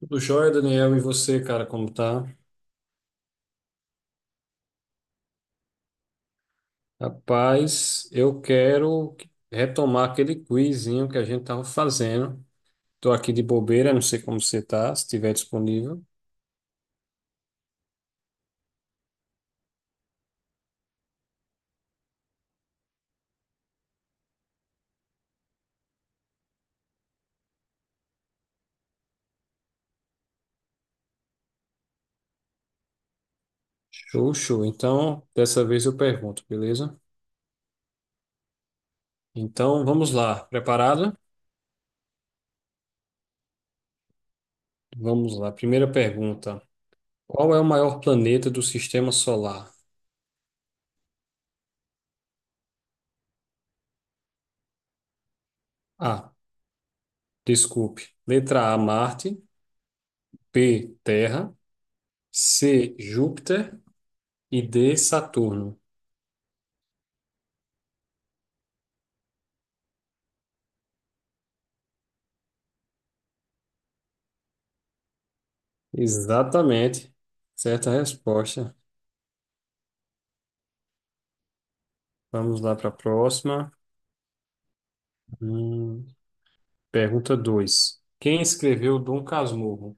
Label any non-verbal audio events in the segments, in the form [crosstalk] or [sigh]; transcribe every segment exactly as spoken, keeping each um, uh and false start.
Tudo jóia, Daniel, e você, cara, como tá? Rapaz, eu quero retomar aquele quizinho que a gente tava fazendo. Tô aqui de bobeira, não sei como você tá, se estiver disponível. Show, show. Então, dessa vez eu pergunto, beleza? Então, vamos lá. Preparado? Vamos lá. Primeira pergunta. Qual é o maior planeta do sistema solar? A. Desculpe. Letra A, Marte. B, Terra. C, Júpiter. E D, Saturno. Exatamente. Certa resposta. Vamos lá para a próxima. Hum, pergunta dois. Quem escreveu Dom Casmurro?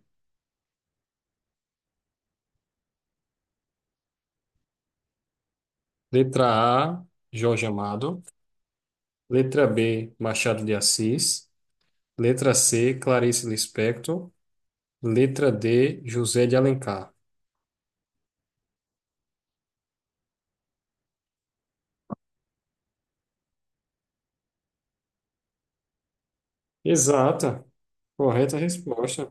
Letra A, Jorge Amado. Letra B, Machado de Assis. Letra C, Clarice Lispector. Letra D, José de Alencar. Exata. Correta resposta.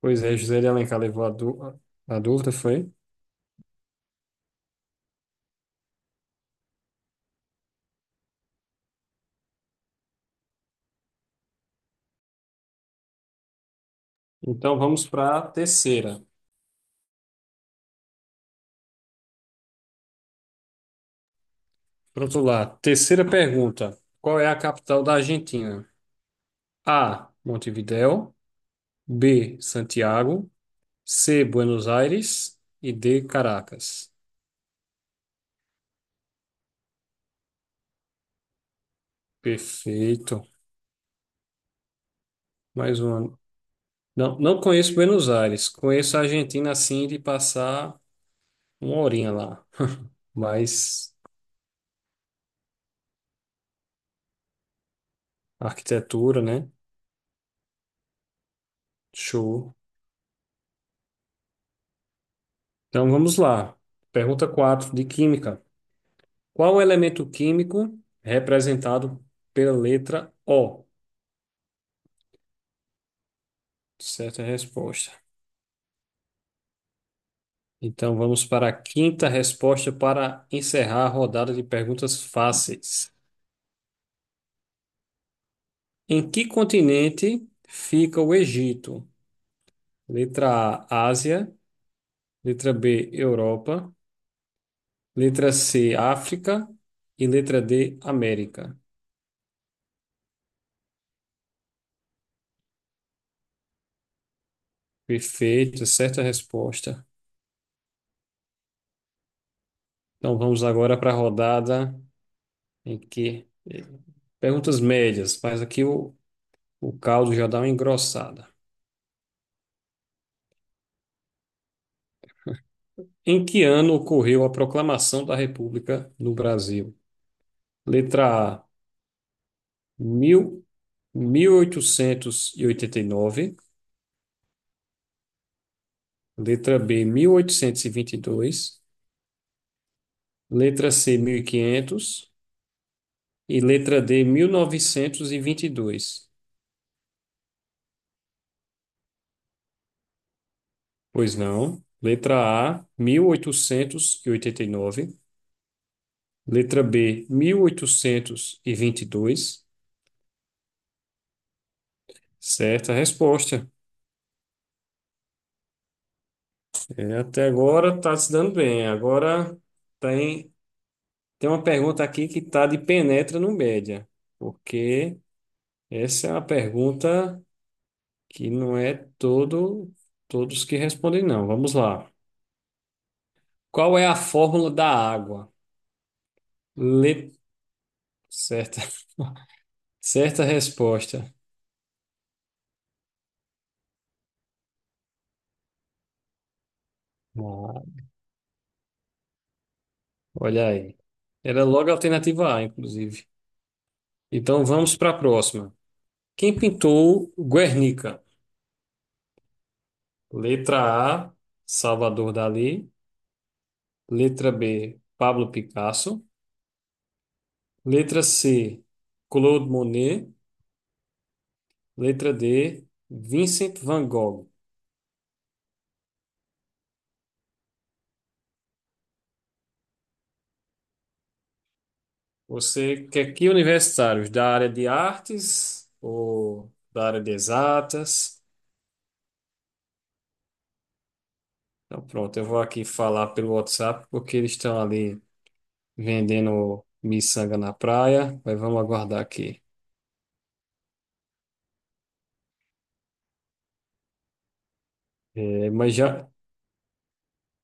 Pois é, José de Alencar levou a, dú- a dúvida, foi? Então vamos para a terceira. Pronto lá. Terceira pergunta. Qual é a capital da Argentina? A. Montevideo. B. Santiago. C. Buenos Aires. E D. Caracas. Perfeito. Mais uma. Não, não conheço Buenos Aires. Conheço a Argentina assim de passar uma horinha lá. Mas arquitetura, né? Show. Então vamos lá. Pergunta quatro de química. Qual o elemento químico representado pela letra O? Certa resposta. Então vamos para a quinta resposta para encerrar a rodada de perguntas fáceis. Em que continente fica o Egito? Letra A, Ásia. Letra B, Europa. Letra C, África. E letra D, América. Perfeito, certa resposta. Então vamos agora para a rodada em que eh, perguntas médias, mas aqui o, o caldo já dá uma engrossada. Em que ano ocorreu a proclamação da República no Brasil? Letra A, mil- mil oitocentos e e oitenta e nove. Letra B, mil oitocentos e e vinte e dois. Letra C, mil E quinhentos. E letra D, mil novecentos e e vinte e dois. Pois não. Letra A, mil oitocentos e e oitenta e nove. Letra B, mil oitocentos e e vinte e dois. Certa resposta. É, até agora está se dando bem. Agora. tem Tem uma pergunta aqui que tá de penetra no média, porque essa é uma pergunta que não é todo todos que respondem não. Vamos lá. Qual é a fórmula da água? Le... Certa, [laughs] certa resposta. Ah, olha aí. Era logo a alternativa A, inclusive. Então vamos para a próxima. Quem pintou Guernica? Letra A, Salvador Dalí. Letra B, Pablo Picasso. Letra C, Claude Monet. Letra D, Vincent Van Gogh. Você quer que universitários da área de artes ou da área de exatas? Então, pronto, eu vou aqui falar pelo WhatsApp porque eles estão ali vendendo miçanga na praia, mas vamos aguardar aqui. É, mas já,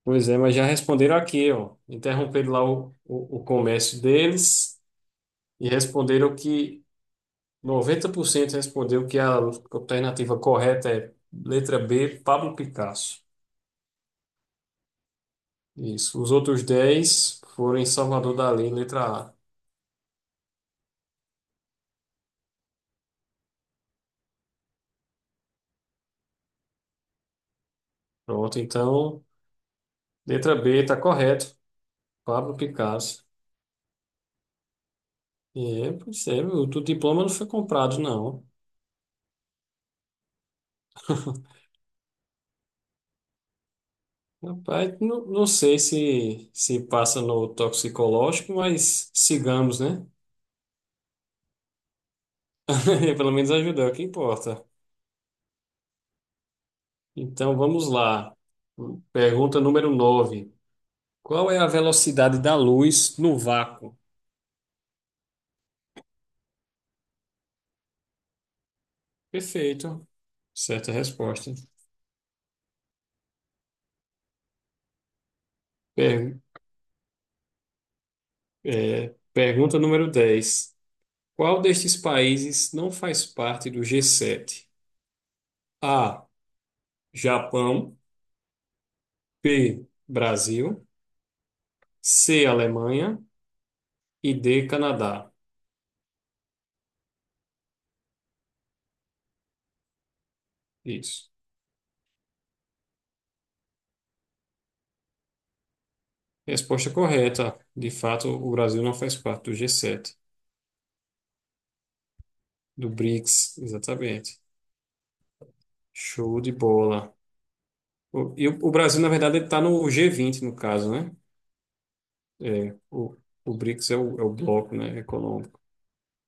pois é, mas já responderam aqui, ó. Interromperam lá o, o, o comércio deles e responderam que noventa por cento respondeu que a alternativa correta é letra B, Pablo Picasso. Isso. Os outros dez foram em Salvador Dali, letra A. Pronto, então, letra B está correto. Pablo Picasso. É, pois é, o teu diploma não foi comprado, não. [laughs] Rapaz, não, não sei se, se passa no toxicológico, mas sigamos, né? [laughs] Pelo menos ajudou, o que importa. Então, vamos lá. Pergunta número nove. Qual é a velocidade da luz no vácuo? Perfeito. Certa resposta. Per- é, pergunta número dez. Qual destes países não faz parte do G sete? A. Japão. B. Brasil. C. Alemanha. E D. Canadá. Isso. Resposta correta. De fato, o Brasil não faz parte do G sete, do B R I C S, exatamente. Show de bola. O- E o o Brasil, na verdade, está no G vinte, no caso, né? É, o, o B R I C S é o, é o bloco, né, econômico.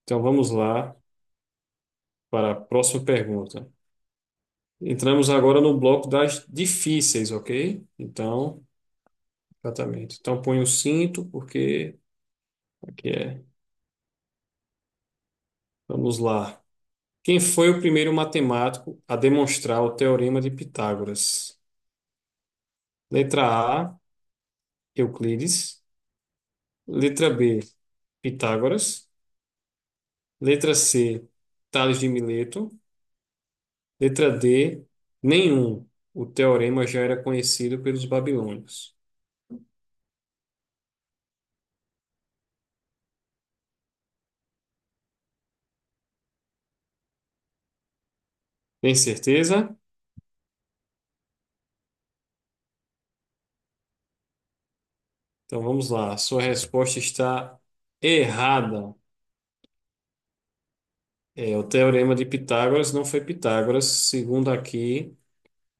Então vamos lá para a próxima pergunta. Entramos agora no bloco das difíceis, ok? Então, exatamente. Então põe o cinto, porque aqui é. Vamos lá. Quem foi o primeiro matemático a demonstrar o teorema de Pitágoras? Letra A, Euclides. Letra B, Pitágoras. Letra C, Tales de Mileto. Letra D, nenhum. O teorema já era conhecido pelos babilônios. Tem certeza? Então vamos lá. A sua resposta está errada. É, o teorema de Pitágoras não foi Pitágoras, segundo aqui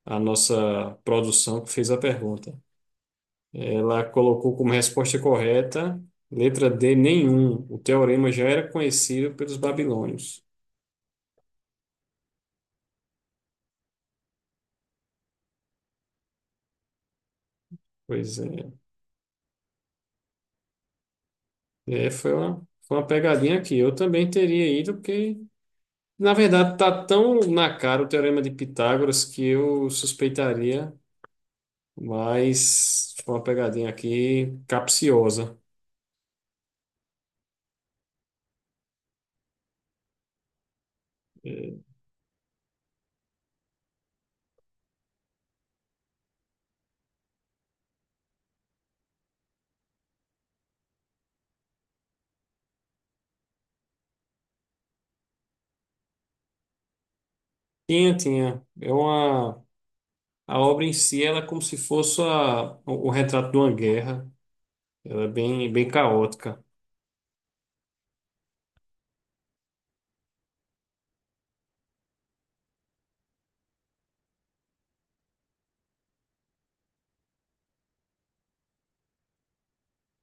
a nossa produção que fez a pergunta. Ela colocou como resposta correta, letra D, nenhum. O teorema já era conhecido pelos babilônios. Pois é. É, foi uma, foi uma pegadinha aqui. Eu também teria ido, porque na verdade, tá tão na cara o Teorema de Pitágoras que eu suspeitaria, mas foi uma pegadinha aqui capciosa. É, tinha, tinha. É uma... A obra em si, ela é como se fosse a... o o retrato de uma guerra. Ela é bem, bem caótica.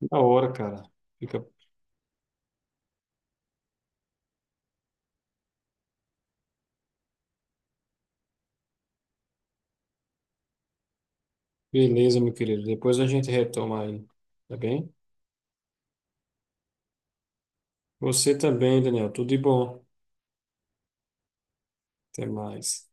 Da hora, cara. Fica... Beleza, meu querido. Depois a gente retoma aí, tá bem? Você também, Daniel. Tudo de bom. Até mais.